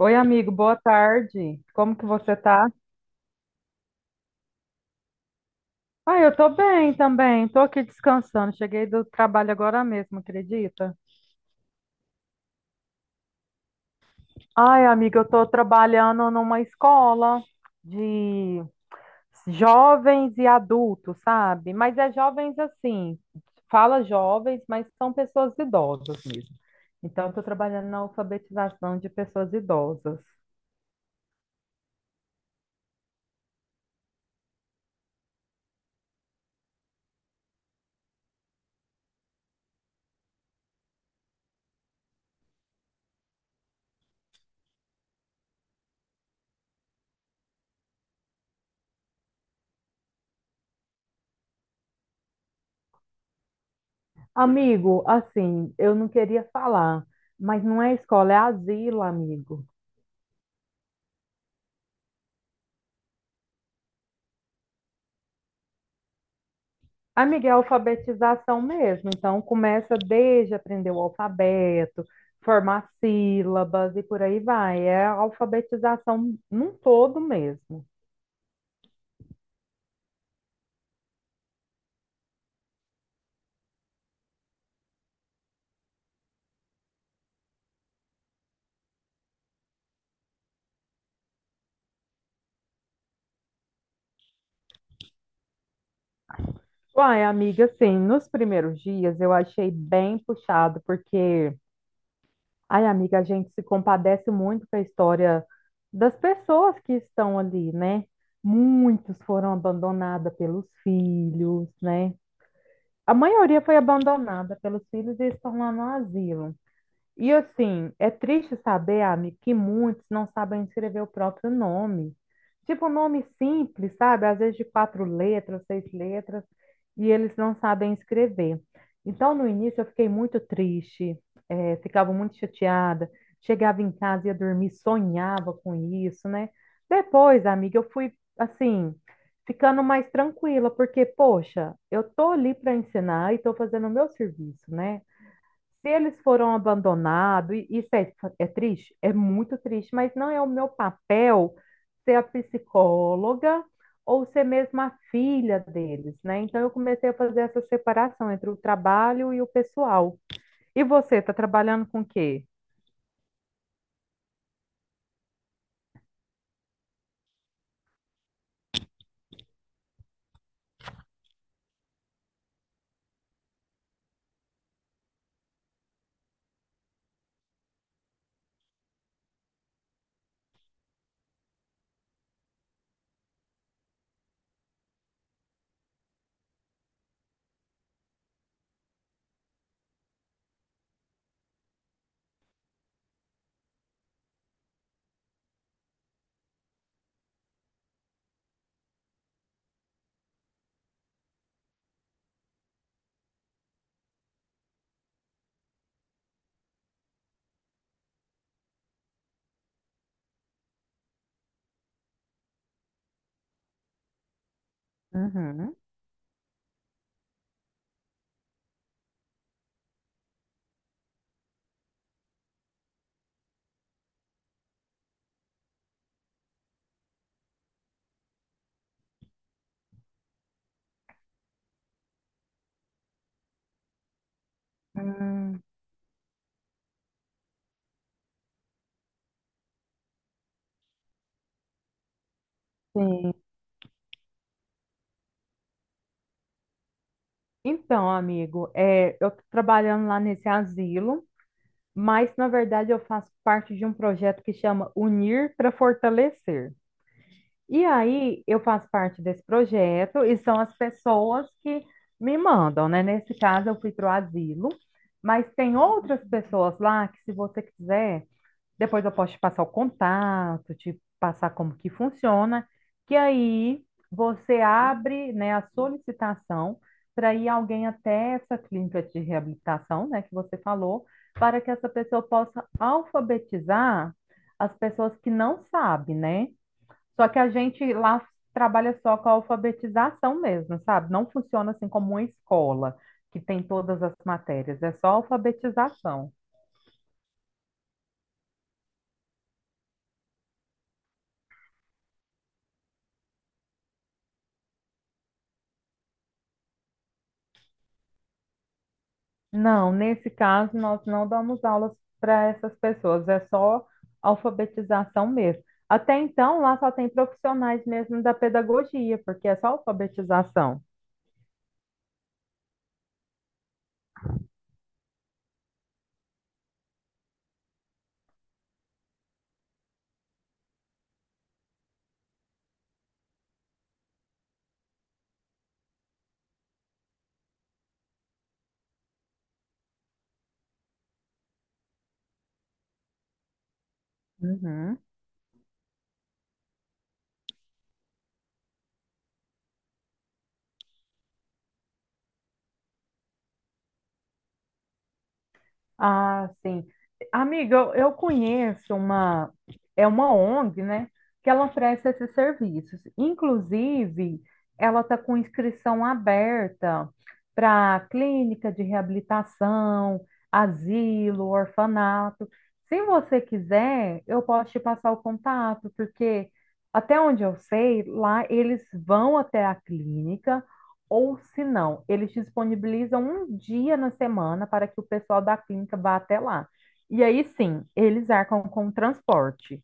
Oi, amigo, boa tarde. Como que você tá? Ah, eu tô bem também. Tô aqui descansando. Cheguei do trabalho agora mesmo, acredita? Ai, amiga, eu tô trabalhando numa escola de jovens e adultos, sabe? Mas é jovens assim, fala jovens, mas são pessoas idosas mesmo. Então, eu tô trabalhando na alfabetização de pessoas idosas. Amigo, assim, eu não queria falar, mas não é escola, é asilo, amigo. Amiga, é alfabetização mesmo. Então, começa desde aprender o alfabeto, formar sílabas e por aí vai. É a alfabetização num todo mesmo. Uai, amiga, assim, nos primeiros dias eu achei bem puxado, porque, ai, amiga, a gente se compadece muito com a história das pessoas que estão ali, né? Muitos foram abandonados pelos filhos, né? A maioria foi abandonada pelos filhos e estão lá no asilo. E assim, é triste saber, amigo, que muitos não sabem escrever o próprio nome. Tipo, um nome simples, sabe? Às vezes de quatro letras, seis letras, e eles não sabem escrever. Então, no início, eu fiquei muito triste, ficava muito chateada. Chegava em casa, ia dormir, sonhava com isso, né? Depois, amiga, eu fui, assim, ficando mais tranquila, porque, poxa, eu tô ali para ensinar e tô fazendo o meu serviço, né? Se eles foram abandonados, e isso é, é triste, é muito triste, mas não é o meu papel ser a psicóloga ou ser mesmo a filha deles, né? Então eu comecei a fazer essa separação entre o trabalho e o pessoal. E você, está trabalhando com o quê? Uhum. Hum, sim. Então, amigo, é, eu estou trabalhando lá nesse asilo, mas na verdade eu faço parte de um projeto que chama Unir para Fortalecer. E aí eu faço parte desse projeto e são as pessoas que me mandam, né? Nesse caso eu fui para o asilo, mas tem outras pessoas lá que se você quiser, depois eu posso te passar o contato, te passar como que funciona, que aí você abre, né, a solicitação para ir alguém até essa clínica de reabilitação, né, que você falou, para que essa pessoa possa alfabetizar as pessoas que não sabem, né? Só que a gente lá trabalha só com a alfabetização mesmo, sabe? Não funciona assim como uma escola que tem todas as matérias, é só alfabetização. Não, nesse caso nós não damos aulas para essas pessoas, é só alfabetização mesmo. Até então lá só tem profissionais mesmo da pedagogia, porque é só alfabetização. Uhum. Ah, sim. Amiga, eu conheço uma, é uma ONG, né, que ela oferece esses serviços. Inclusive, ela está com inscrição aberta para clínica de reabilitação, asilo, orfanato. Se você quiser, eu posso te passar o contato, porque até onde eu sei, lá eles vão até a clínica ou se não, eles disponibilizam um dia na semana para que o pessoal da clínica vá até lá. E aí sim, eles arcam com o transporte.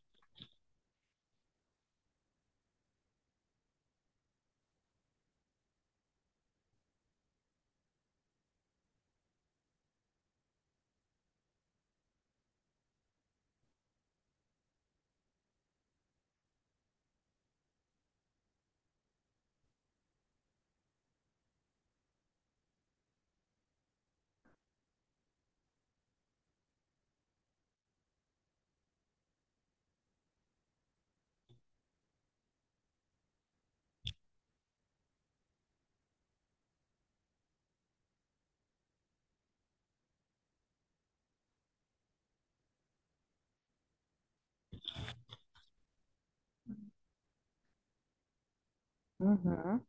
Uhum.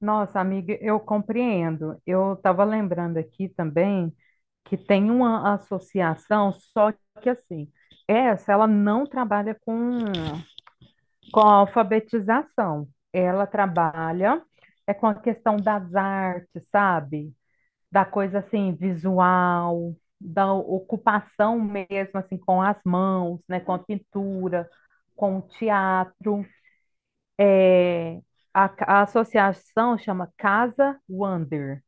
Nossa, amiga, eu compreendo. Eu estava lembrando aqui também que tem uma associação, só que assim, essa ela não trabalha com a alfabetização, ela trabalha é com a questão das artes, sabe? Da coisa assim, visual, da ocupação mesmo, assim, com as mãos, né, com a pintura, com o teatro. É, a associação chama Casa Wander.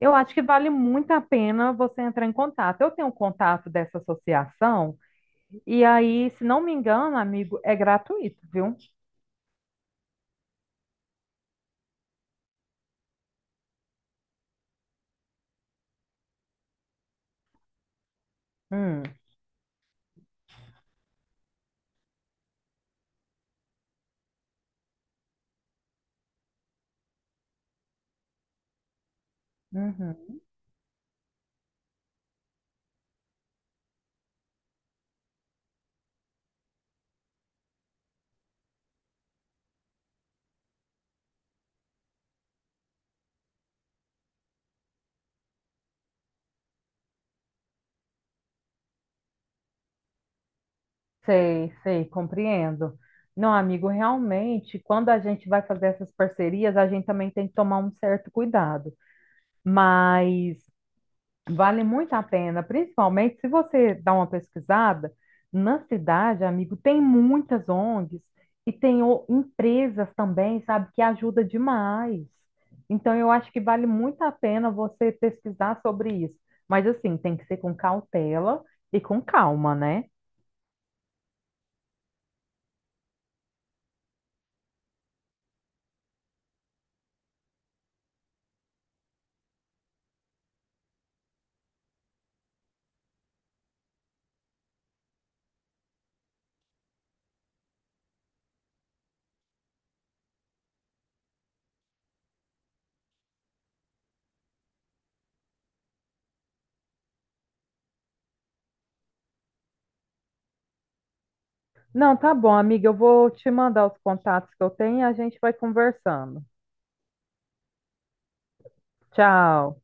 Eu acho que vale muito a pena você entrar em contato. Eu tenho um contato dessa associação, e aí, se não me engano, amigo, é gratuito, viu? Hum, uhum. Sei, sei, compreendo. Não, amigo, realmente, quando a gente vai fazer essas parcerias, a gente também tem que tomar um certo cuidado. Mas vale muito a pena, principalmente se você dá uma pesquisada, na cidade, amigo, tem muitas ONGs e tem o- empresas também, sabe, que ajuda demais. Então, eu acho que vale muito a pena você pesquisar sobre isso. Mas assim, tem que ser com cautela e com calma, né? Não, tá bom, amiga. Eu vou te mandar os contatos que eu tenho e a gente vai conversando. Tchau.